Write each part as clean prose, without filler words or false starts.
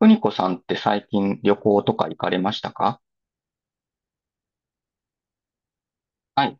邦子さんって最近旅行とか行かれましたか？はい、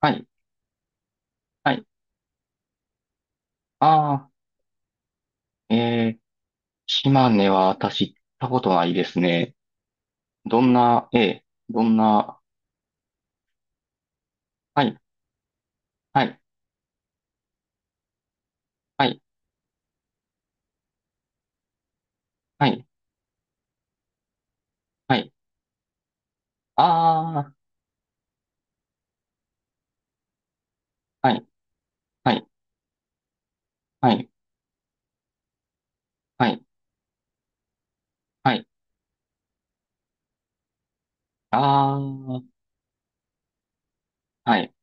はい、はい。ああ、島根は私行ったことないですね。どんな、ええ、どんな。はい、はい、はい、はい、はい。ああ、はい、はい、はい、はい、はい。ああ、はい、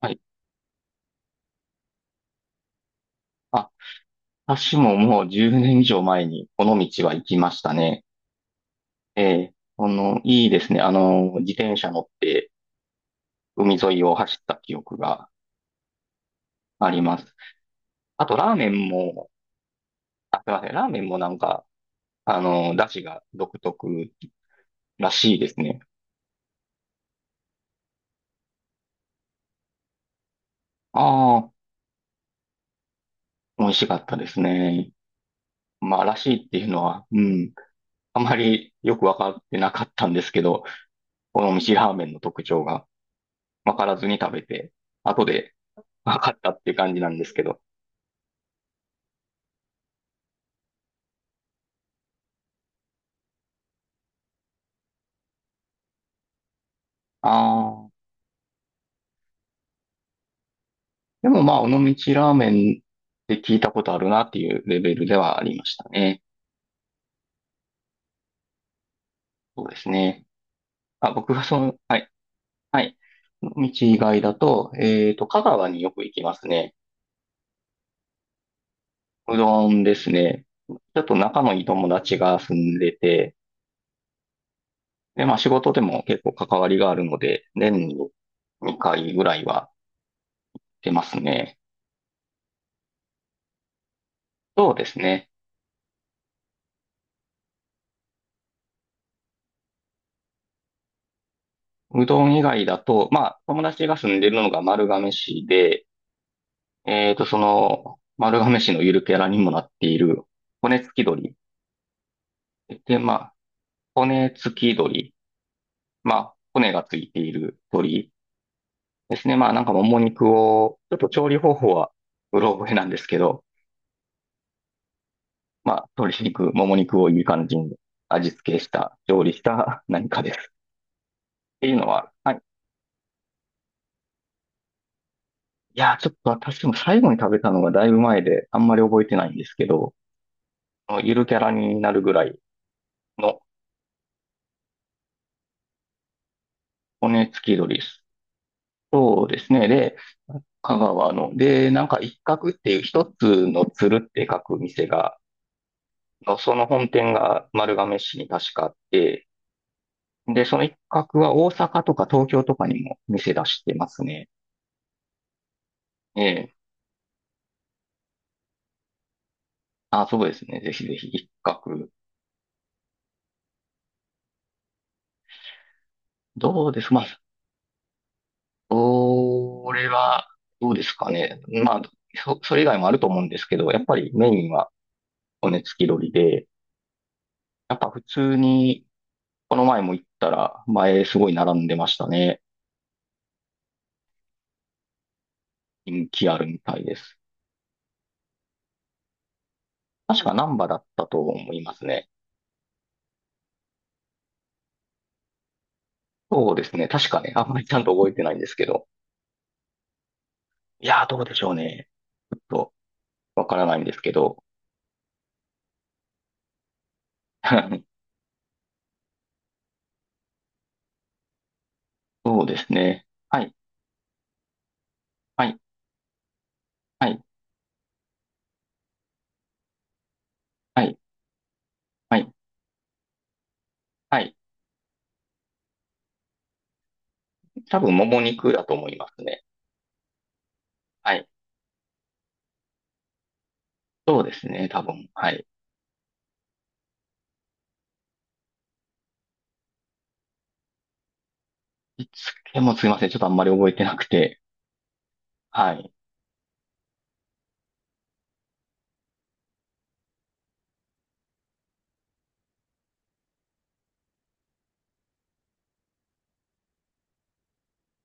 はい。あ、私ももう10年以上前にこの道は行きましたね。ええ、この、いいですね。自転車乗って海沿いを走った記憶があります。あと、ラーメンも、あ、すいません。ラーメンもなんか、出汁が独特らしいですね。ああ、美味しかったですね。まあ、らしいっていうのは、うん。あまりよくわかってなかったんですけど、この蒸ラーメンの特徴がわからずに食べて、後で わかったっていう感じなんですけど。ああ、でもまあ、尾道ラーメンって聞いたことあるなっていうレベルではありましたね。そうですね。あ、僕がその、はい。はい。道以外だと、香川によく行きますね。うどんですね。ちょっと仲のいい友達が住んでて、で、まあ仕事でも結構関わりがあるので、年に2回ぐらいは出ますね。そうですね。うどん以外だと、まあ友達が住んでるのが丸亀市で、その丸亀市のゆるキャラにもなっている骨付き鳥。で、まあ、骨付き鳥。まあ、骨がついている鳥。ですね。まあなんかもも肉を、ちょっと調理方法はうろ覚えなんですけど、まあ鶏肉、もも肉をいい感じに味付けした、調理した何かです。っていうのは、はい。いやー、ちょっと私も最後に食べたのがだいぶ前であんまり覚えてないんですけど、ゆるキャラになるぐらいの骨付き鶏です。そうですね。で、香川の、で、なんか一角っていう一つの鶴って書く店が、のその本店が丸亀市に確かあって、で、その一角は大阪とか東京とかにも店出してますね。ええ。あ、そうですね。ぜひぜひ一角。どうですまあ、それは、どうですかね。まあ、それ以外もあると思うんですけど、やっぱりメインは骨付き鳥で、やっぱ普通に、この前も行ったら、前すごい並んでましたね。人気あるみたいです。確か難波だったと思いますね。そうですね。確かね、あんまりちゃんと覚えてないんですけど。いやー、どうでしょうね。ちょっとわからないんですけど。そうですね。はい、はい、はい、はい、はい、はい。多分、もも肉だと思いますね。はい。そうですね、多分。はい。いつけもすいません。ちょっとあんまり覚えてなくて。はい。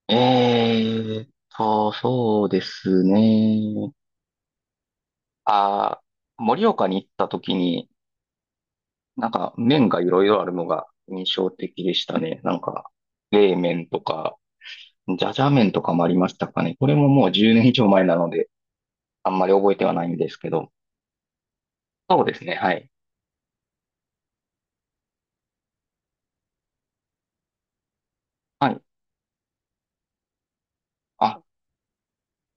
えそうですね。あ盛岡に行った時に、なんか麺がいろいろあるのが印象的でしたね。なんか、冷麺とか、じゃじゃ麺とかもありましたかね。これももう10年以上前なので、あんまり覚えてはないんですけど。そうですね。はい。はい。あ、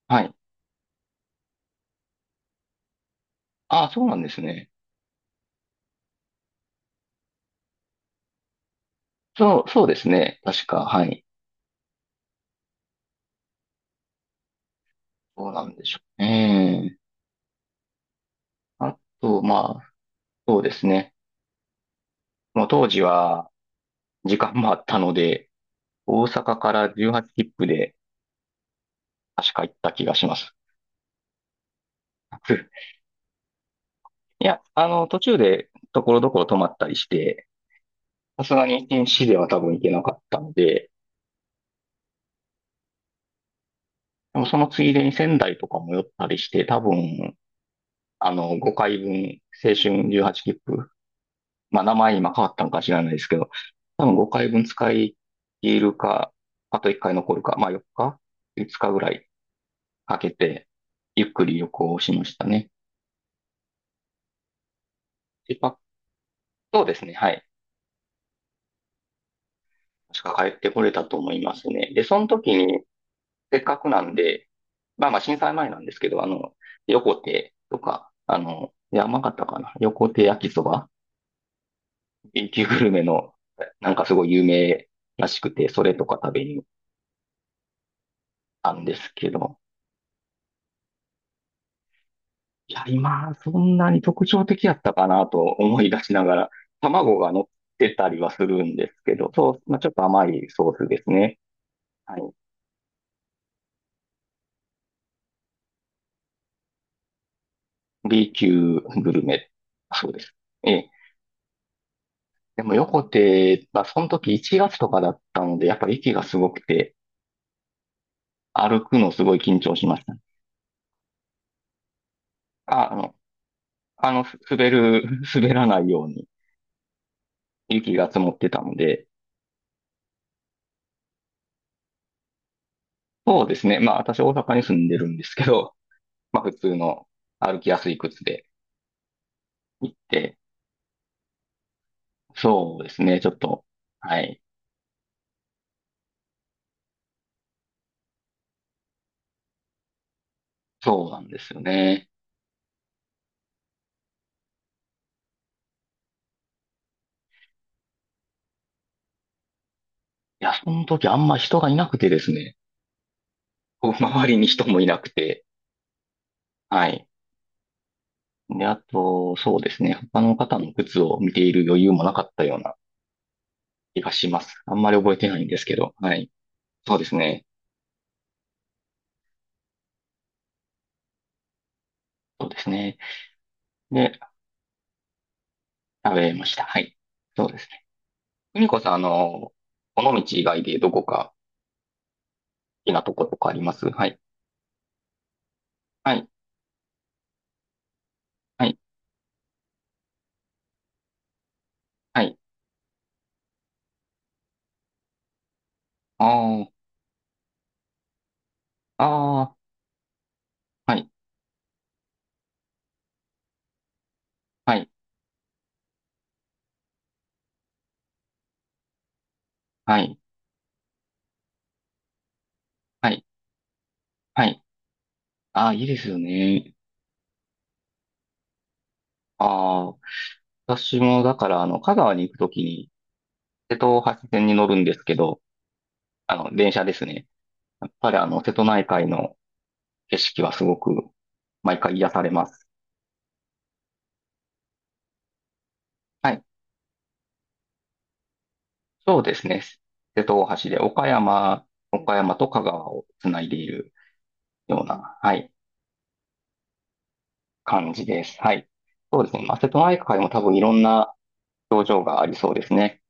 はい。あ、そうなんですね。そう、そうですね。確か。はい。そうなんでしょう。ええ。あと、まあ、そうですね。もう当時は時間もあったので、大阪から18切符で確か行った気がします。いや、途中でところどころ泊まったりして、さすがに1日では多分行けなかったので、でもそのついでに仙台とかも寄ったりして、多分5回分、青春18切符。まあ、名前今変わったのか知らないですけど、多分5回分使い切るか、あと1回残るか、まあ4日 ?5 日ぐらいかけて、ゆっくり旅行をしましたね。で、そうですね、はい。確か帰ってこれたと思いますね。で、その時に、せっかくなんで、まあまあ震災前なんですけど、横手とか、山形かな、横手焼きそば B 級グルメの、なんかすごい有名らしくて、それとか食べに行ったんですけど、いや、今、そんなに特徴的やったかなと思い出しながら、卵が乗ってたりはするんですけど、そう、まあ、ちょっと甘いソースですね。はい。B 級グルメ。そうです。ええ。でも、横手は、その時1月とかだったので、やっぱり息がすごくて、歩くのすごい緊張しました。あ、す滑る、滑らないように雪が積もってたので、そうですね。まあ、私大阪に住んでるんですけど、まあ、普通の歩きやすい靴で行って、そうですね。ちょっと、はい。そうなんですよね。いや、その時あんま人がいなくてですね。こう周りに人もいなくて、はい。で、あと、そうですね。他の方の靴を見ている余裕もなかったような気がします。あんまり覚えてないんですけど、はい。そうですね。そうですね。で、食べました。はい。そうですね。ふみこさん、この道以外でどこか、きなとことかあります？はい。はい。はい。はい。ああ。ああ。はい。はい。はい。はい。はい。ああ、いいですよね。ああ。私も、だから、香川に行くときに、瀬戸大橋線に乗るんですけど、電車ですね。やっぱり、瀬戸内海の景色はすごく、毎回癒されます。はい。そうですね。瀬戸大橋で、岡山と香川をつないでいるような、はい、感じです。はい。そうですね。まあ、瀬戸内海も多分いろんな表情がありそうですね。